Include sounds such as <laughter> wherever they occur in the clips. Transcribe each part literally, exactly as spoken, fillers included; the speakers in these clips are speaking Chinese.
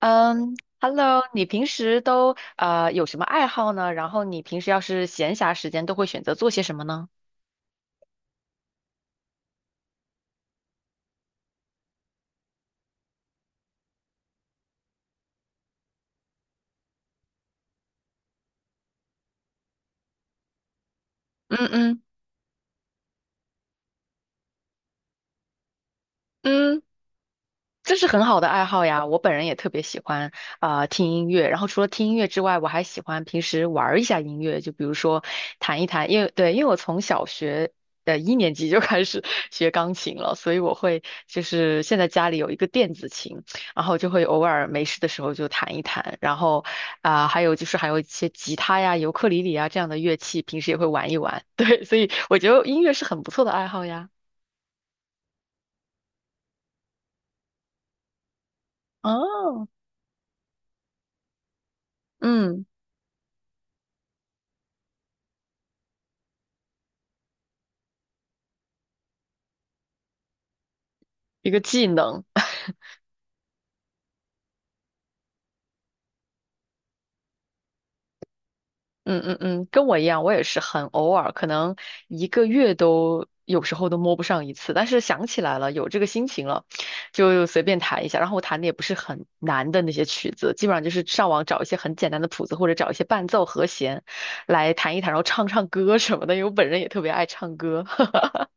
嗯，Hello，你平时都呃有什么爱好呢？然后你平时要是闲暇时间都会选择做些什么呢？嗯嗯嗯。这是很好的爱好呀，我本人也特别喜欢啊、呃听音乐，然后除了听音乐之外，我还喜欢平时玩儿一下音乐，就比如说弹一弹，因为对，因为我从小学的一年级就开始 <laughs> 学钢琴了，所以我会就是现在家里有一个电子琴，然后就会偶尔没事的时候就弹一弹，然后啊、还有就是还有一些吉他呀、尤克里里啊这样的乐器，平时也会玩一玩，<laughs> 对，所以我觉得音乐是很不错的爱好呀。哦，嗯，一个技能。嗯嗯嗯，跟我一样，我也是很偶尔，可能一个月都有时候都摸不上一次，但是想起来了，有这个心情了，就随便弹一下。然后我弹的也不是很难的那些曲子，基本上就是上网找一些很简单的谱子，或者找一些伴奏和弦来弹一弹，然后唱唱歌什么的，因为我本人也特别爱唱歌。<laughs>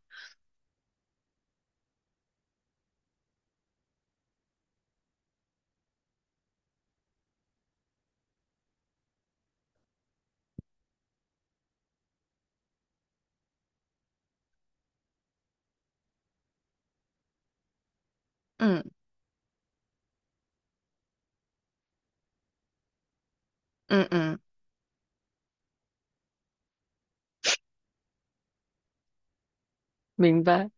嗯嗯嗯，明白。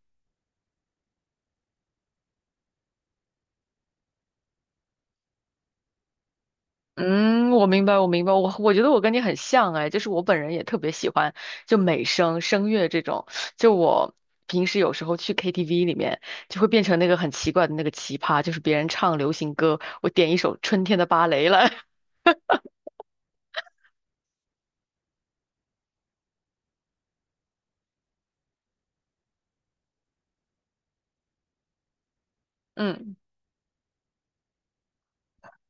嗯，我明白，我明白，我我觉得我跟你很像哎，就是我本人也特别喜欢就美声、声乐这种，就我平时有时候去 K T V 里面就会变成那个很奇怪的那个奇葩，就是别人唱流行歌，我点一首《春天的芭蕾》来，<laughs> 嗯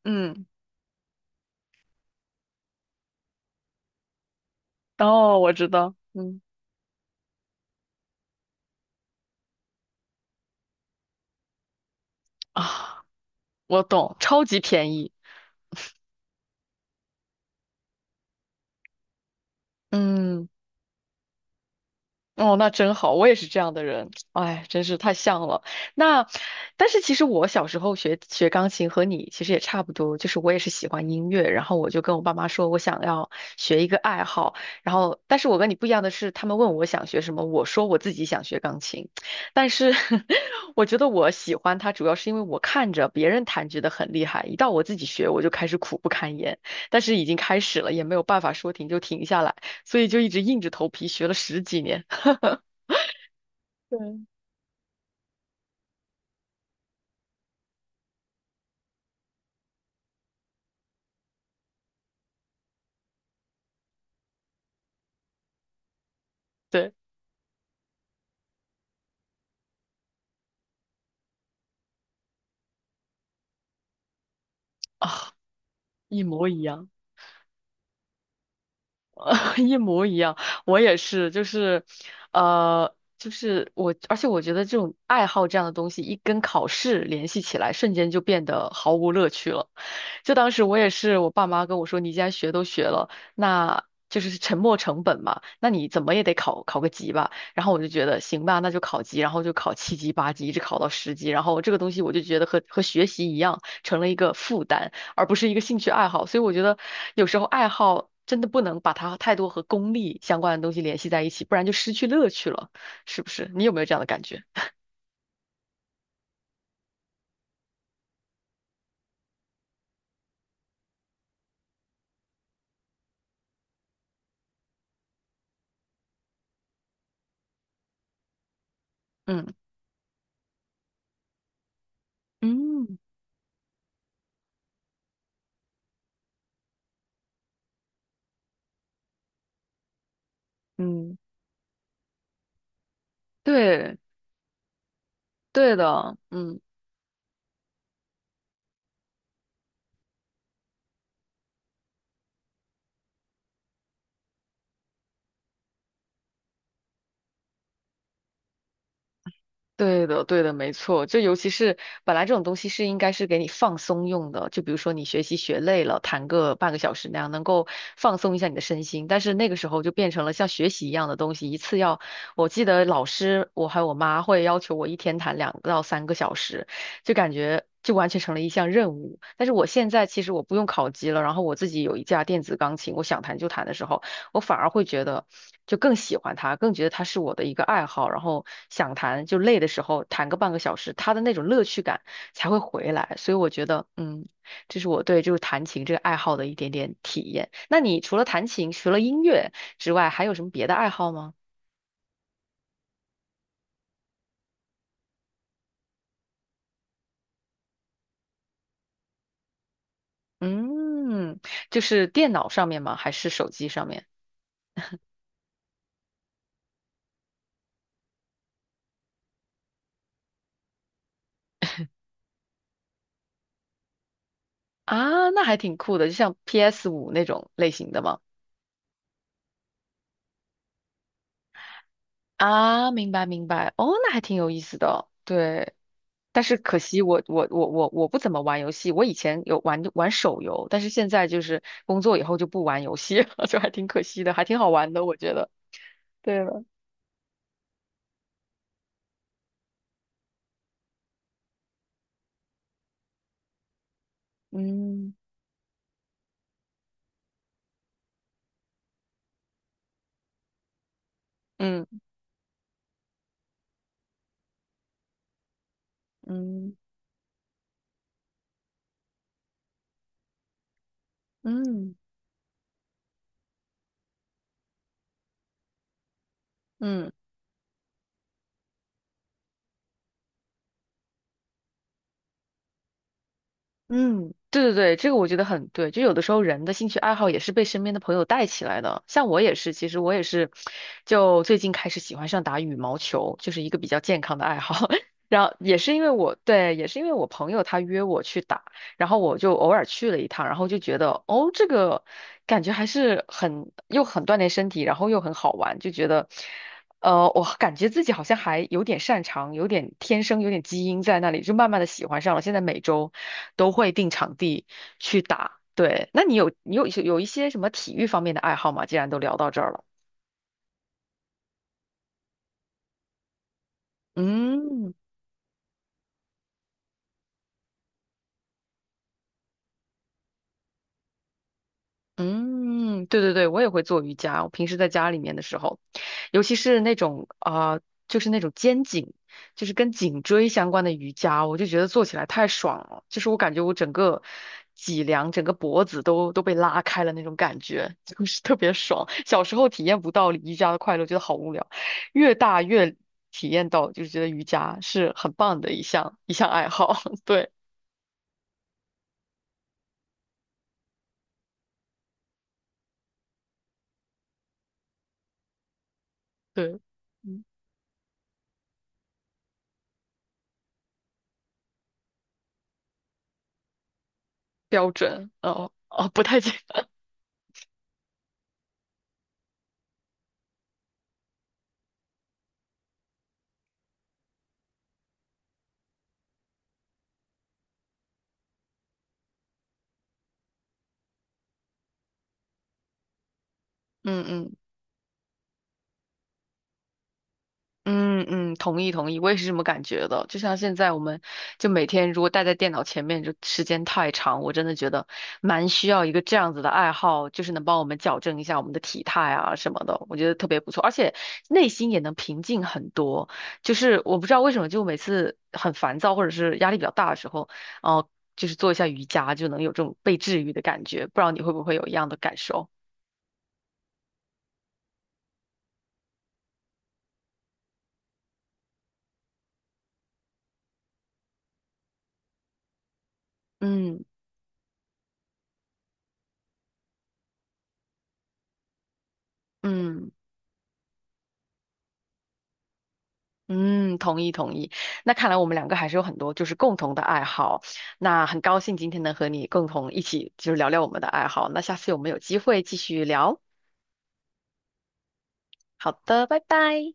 嗯，哦，我知道，嗯啊，我懂，超级便宜，嗯。哦，那真好，我也是这样的人，哎，真是太像了。那，但是其实我小时候学学钢琴和你其实也差不多，就是我也是喜欢音乐，然后我就跟我爸妈说我想要学一个爱好，然后但是我跟你不一样的是，他们问我想学什么，我说我自己想学钢琴，但是 <laughs> 我觉得我喜欢它主要是因为我看着别人弹觉得很厉害，一到我自己学我就开始苦不堪言，但是已经开始了，也没有办法说停就停下来，所以就一直硬着头皮学了十几年。对对啊，一模一样，<laughs> 一模一样。我也是，就是，呃，就是我，而且我觉得这种爱好这样的东西，一跟考试联系起来，瞬间就变得毫无乐趣了。就当时我也是，我爸妈跟我说，你既然学都学了，那就是沉没成本嘛，那你怎么也得考考个级吧。然后我就觉得行吧，那就考级，然后就考七级、八级，一直考到十级。然后这个东西我就觉得和和学习一样，成了一个负担。而不是一个兴趣爱好。所以我觉得有时候爱好真的不能把它太多和功利相关的东西联系在一起，不然就失去乐趣了，是不是？你有没有这样的感觉？嗯嗯嗯，对对的，嗯。对的，对的，没错。就尤其是本来这种东西是应该是给你放松用的，就比如说你学习学累了，弹个半个小时那样，能够放松一下你的身心。但是那个时候就变成了像学习一样的东西，一次要，我记得老师，我还有我妈会要求我一天弹两到三个小时，就感觉就完全成了一项任务。但是我现在其实我不用考级了，然后我自己有一架电子钢琴，我想弹就弹的时候。我反而会觉得就更喜欢他，更觉得他是我的一个爱好，然后想弹就累的时候弹个半个小时，他的那种乐趣感才会回来。所以我觉得，嗯，这是我对就是弹琴这个爱好的一点点体验。那你除了弹琴，除了音乐之外，还有什么别的爱好吗？嗯，就是电脑上面吗？还是手机上面？啊，那还挺酷的，就像 p s 五那种类型的吗？啊，明白明白，哦，那还挺有意思的，对。但是可惜我我我我我不怎么玩游戏，我以前有玩玩手游，但是现在就是工作以后就不玩游戏了，<laughs> 就还挺可惜的，还挺好玩的，我觉得。对了，嗯嗯嗯嗯嗯。嗯，对对对，这个我觉得很对。就有的时候人的兴趣爱好也是被身边的朋友带起来的。像我也是，其实我也是，就最近开始喜欢上打羽毛球，就是一个比较健康的爱好。<laughs> 然后也是因为我，对，也是因为我朋友他约我去打，然后我就偶尔去了一趟，然后就觉得哦，这个感觉还是很又很锻炼身体，然后又很好玩，就觉得。呃，我感觉自己好像还有点擅长，有点天生有点基因在那里，就慢慢的喜欢上了。现在每周都会定场地去打。对，那你有你有有一些什么体育方面的爱好吗？既然都聊到这儿了，嗯。嗯，对对对，我也会做瑜伽。我平时在家里面的时候，尤其是那种啊、呃就是那种肩颈，就是跟颈椎相关的瑜伽，我就觉得做起来太爽了。就是我感觉我整个脊梁、整个脖子都都被拉开了那种感觉，<laughs> 就是特别爽。小时候体验不到瑜伽的快乐，觉得好无聊，越大越体验到，就是觉得瑜伽是很棒的一项一项爱好。<laughs> 对对，嗯标准哦哦，不太健，<laughs> 嗯嗯。嗯嗯，同意同意，我也是这么感觉的。就像现在，我们就每天如果待在电脑前面，就时间太长，我真的觉得蛮需要一个这样子的爱好，就是能帮我们矫正一下我们的体态啊什么的，我觉得特别不错，而且内心也能平静很多。就是我不知道为什么，就每次很烦躁或者是压力比较大的时候，哦、就是做一下瑜伽就能有这种被治愈的感觉。不知道你会不会有一样的感受？嗯嗯。嗯，同意同意。那看来我们两个还是有很多就是共同的爱好。那很高兴今天能和你共同一起就是聊聊我们的爱好。那下次我们有机会继续聊。好的，拜拜。